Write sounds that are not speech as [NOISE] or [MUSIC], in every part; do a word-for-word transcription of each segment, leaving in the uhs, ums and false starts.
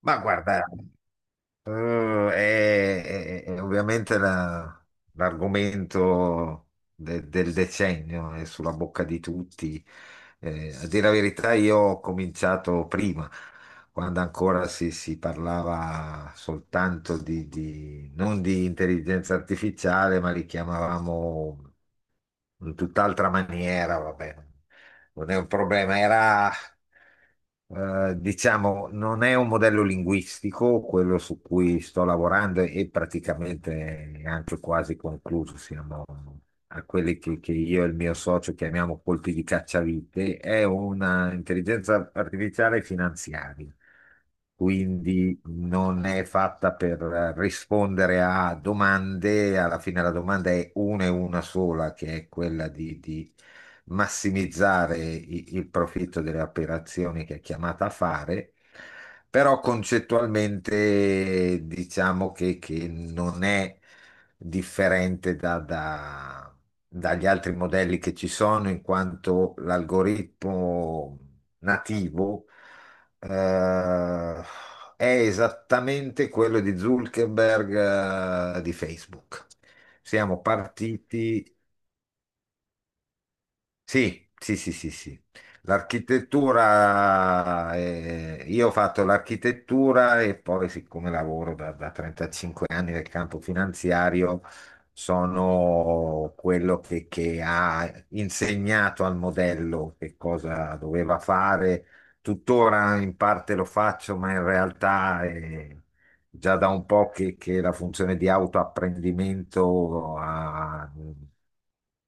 Ma guarda, eh, è, è- è ovviamente la- l'argomento de- del decennio, è sulla bocca di tutti. Eh, a dire la verità, io ho cominciato prima, quando ancora si, si parlava soltanto di, di- non di intelligenza artificiale, ma li chiamavamo in tutt'altra maniera. Vabbè, non è un problema. Era, eh, diciamo, non è un modello linguistico quello su cui sto lavorando, e praticamente è anche quasi concluso. Siamo a quelli che, che io e il mio socio chiamiamo colpi di cacciavite. È una intelligenza artificiale finanziaria. Quindi non è fatta per eh, rispondere a domande, alla fine la domanda è una e una sola, che è quella di, di massimizzare i- il profitto delle operazioni che è chiamata a fare, però concettualmente diciamo che, che non è differente da- da- dagli altri modelli che ci sono, in quanto l'algoritmo nativo, eh, è esattamente quello di Zuckerberg, eh, di Facebook. Siamo partiti. Sì, sì, sì, sì, sì. L'architettura, eh, io ho fatto l'architettura, e poi siccome lavoro da, da trentacinque anni nel campo finanziario, sono quello che, che ha insegnato al modello che cosa doveva fare. Tuttora in parte lo faccio, ma in realtà... eh, già da un po' che, che la funzione di autoapprendimento ha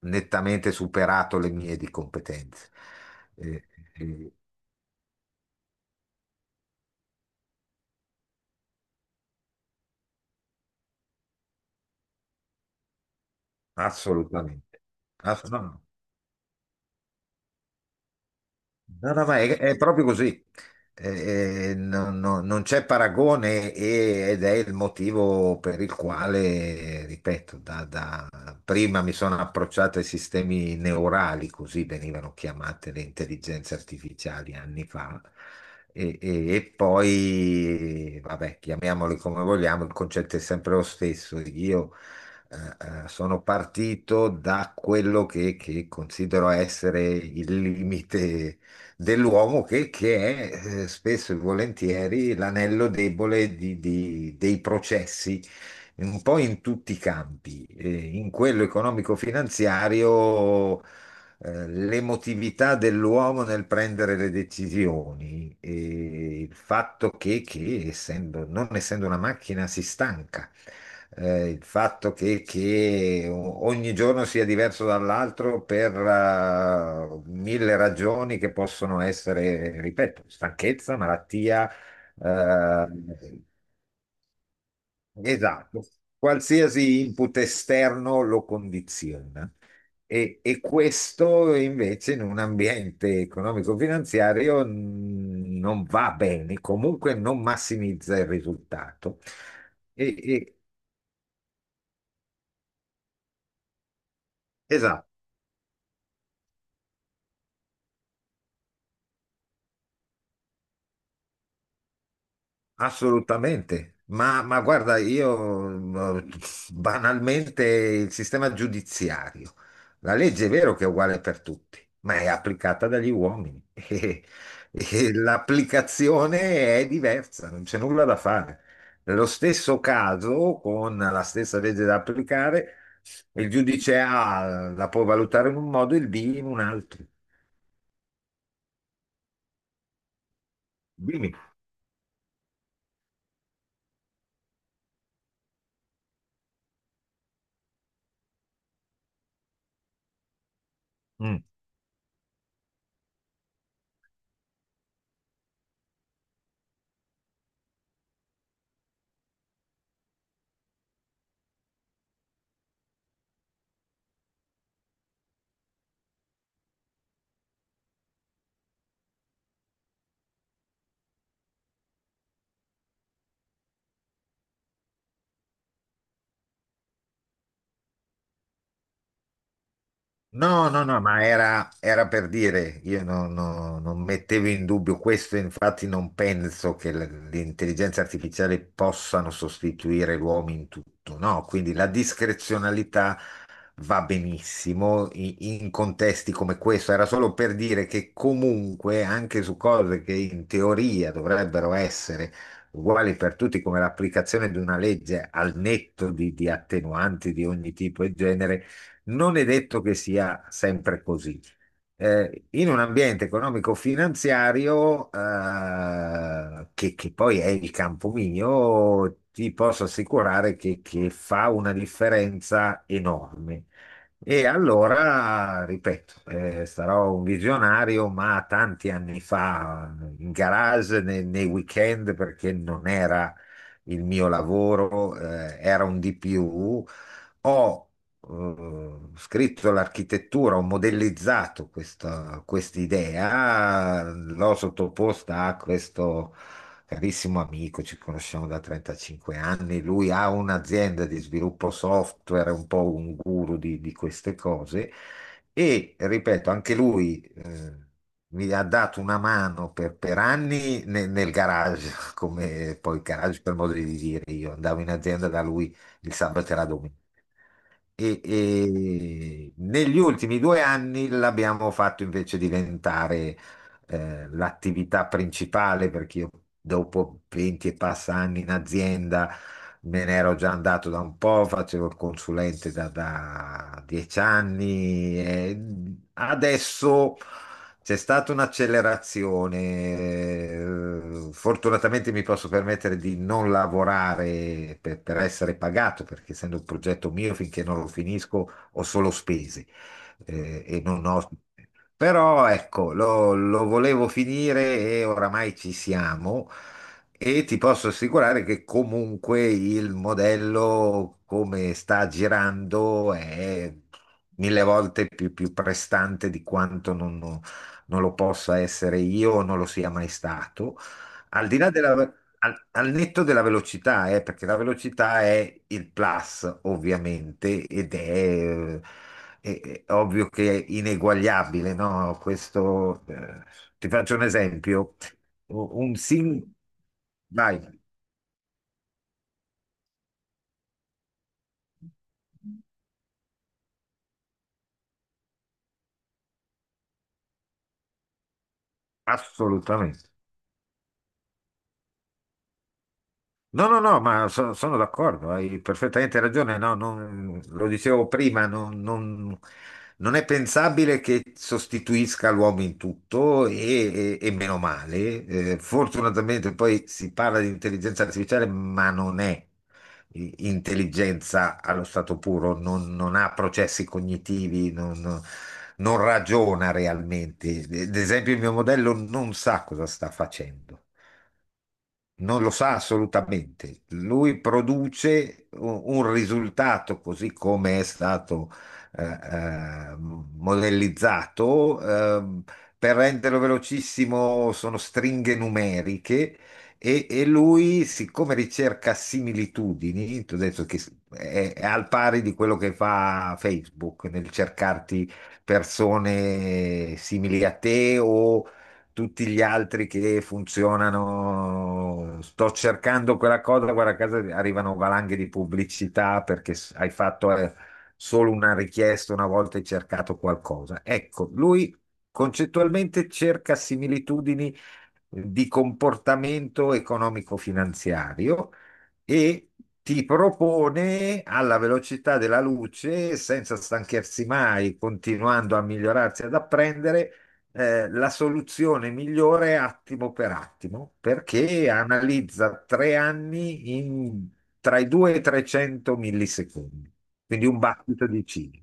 nettamente superato le mie di competenze. Eh, eh, Assolutamente. Assolutamente. No, no, ma è, è proprio così. Eh, eh, no- no- non c'è paragone, e- ed è il motivo per il quale, ripeto, da, da- prima mi sono approcciato ai sistemi neurali, così venivano chiamate le intelligenze artificiali anni fa, e, e- e poi, vabbè, chiamiamoli come vogliamo, il concetto è sempre lo stesso. Io eh, eh, sono partito da quello che, che considero essere il limite dell'uomo, che, che è eh, spesso e volentieri l'anello debole di- di- dei processi, un po' in tutti i campi, eh, in quello economico-finanziario, eh, l'emotività dell'uomo nel prendere le decisioni, e il fatto che, che essendo- non essendo una macchina si stanca. Eh, il fatto che, che o- ogni giorno sia diverso dall'altro per eh, mille ragioni che possono essere, ripeto, stanchezza, malattia, eh, esatto, qualsiasi input esterno lo condiziona, e, e questo invece in un ambiente economico-finanziario, mh, non va bene, comunque non massimizza il risultato. E- e- Esatto. Assolutamente. Ma, ma guarda, io, eh, banalmente, il sistema giudiziario, la legge è vero che è uguale per tutti, ma è applicata dagli uomini [LAUGHS] e, e l'applicazione è diversa, non c'è nulla da fare. Nello stesso caso, con la stessa legge da applicare, il giudice A la può valutare in un modo e il B in un altro. Dimmi. No, no, no, ma era, era per dire, io no- no- non mettevo in dubbio questo, infatti non penso che l- l'intelligenza artificiale possano sostituire l'uomo in tutto, no? Quindi la discrezionalità va benissimo i- in contesti come questo. Era solo per dire che comunque anche su cose che in teoria dovrebbero essere uguali per tutti, come l'applicazione di una legge al netto di, di attenuanti di ogni tipo e genere, non è detto che sia sempre così. Eh, in un ambiente economico-finanziario, eh, che, che poi è il campo mio, ti posso assicurare che, che fa una differenza enorme. E allora, ripeto, eh, sarò un visionario, ma tanti anni fa, eh, in garage nei, nei weekend, perché non era il mio lavoro, eh, era un di più. Ho eh, scritto l'architettura, ho modellizzato questa questa idea, l'ho sottoposta a questo carissimo amico, ci conosciamo da trentacinque anni, lui ha un'azienda di sviluppo software, è un po' un guru di, di queste cose, e, ripeto, anche lui eh, mi ha dato una mano per, per anni ne- nel garage. [LAUGHS] Come poi garage per modo di dire, io andavo in azienda da lui il sabato e la domenica. E, e negli ultimi due anni l'abbiamo fatto invece diventare eh, l'attività principale, perché io dopo venti e passa anni in azienda me ne ero già andato da un po', facevo il consulente da, da dieci anni, e adesso c'è stata un'accelerazione. eh, Fortunatamente mi posso permettere di non lavorare per, per essere pagato, perché essendo un progetto mio, finché non lo finisco, ho solo spese, eh, e non ho. Però ecco, lo, lo volevo finire, e oramai ci siamo, e ti posso assicurare che comunque il modello come sta girando è mille volte più, più prestante di quanto non, non lo possa essere io, o non lo sia mai stato. Al di là della... Al, al netto della velocità, eh, perché la velocità è il plus, ovviamente, ed è, eh, è- è ovvio che è ineguagliabile, no? Questo, eh, ti faccio un esempio. Un sim... Vai, assolutamente. No, no, no, ma so- sono d'accordo, hai perfettamente ragione. No, non- lo dicevo prima, non, non- non è pensabile che sostituisca l'uomo in tutto, e, e- e meno male. Eh, fortunatamente poi si parla di intelligenza artificiale, ma non è i- intelligenza allo stato puro, non, non ha processi cognitivi, non, non ragiona realmente. Ad esempio, il mio modello non sa cosa sta facendo. Non lo sa assolutamente. Lui produce u- un risultato così come è stato eh, eh, modellizzato. Ehm, per renderlo velocissimo sono stringhe numeriche, e, e lui, siccome ricerca similitudini, ti ho detto che è, è al pari di quello che fa Facebook nel cercarti persone simili a te, o tutti gli altri che funzionano. Sto cercando quella cosa, guarda, a casa arrivano valanghe di pubblicità perché s- hai fatto, eh, solo una richiesta, una volta hai cercato qualcosa. Ecco, lui concettualmente cerca similitudini eh, di comportamento economico-finanziario, e ti propone alla velocità della luce, senza stanchersi mai, continuando a migliorarsi ad apprendere, eh, la soluzione migliore attimo per attimo, perché analizza tre anni in, tra i due e i trecento millisecondi, quindi un battito di ciglia.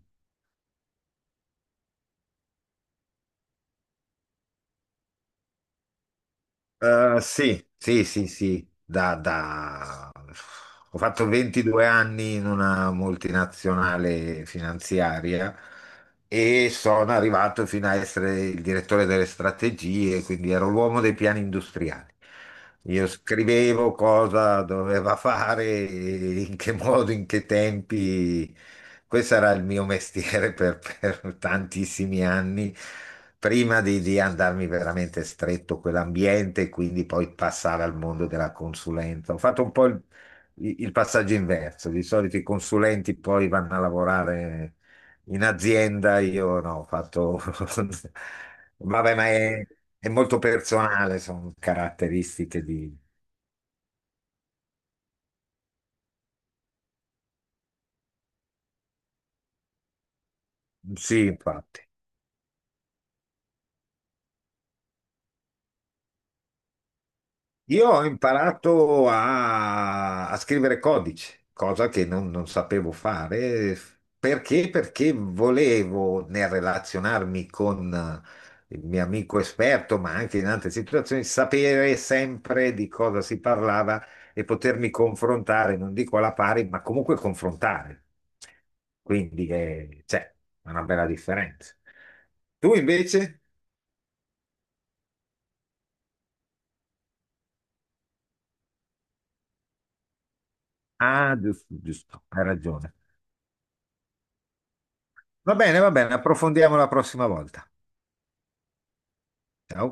Eh, sì, sì, sì, sì. da, da... Ho fatto ventidue anni in una multinazionale finanziaria, e sono arrivato fino a essere il direttore delle strategie, quindi ero l'uomo dei piani industriali. Io scrivevo cosa doveva fare, in che [LAUGHS] modo, in che tempi. Questo era il mio mestiere [LAUGHS] per, per tantissimi anni, prima di, di andarmi veramente stretto quell'ambiente, quindi poi passare al mondo della consulenza. Ho fatto un po' il, il passaggio inverso. Di solito i consulenti poi vanno a lavorare in azienda, io no, ho fatto. [LAUGHS] Vabbè, ma è, è molto personale, sono caratteristiche di. Sì, infatti. Io ho imparato a, a scrivere codice, cosa che non, non sapevo fare. Perché? Perché volevo, nel relazionarmi con eh, il mio amico esperto, ma anche in altre situazioni, sapere sempre di cosa si parlava, e potermi confrontare, non dico alla pari, ma comunque confrontare. Quindi eh, c'è una bella differenza. Tu invece? Ah, giusto, giusto, hai ragione. Va bene, va bene, approfondiamo la prossima volta. Ciao.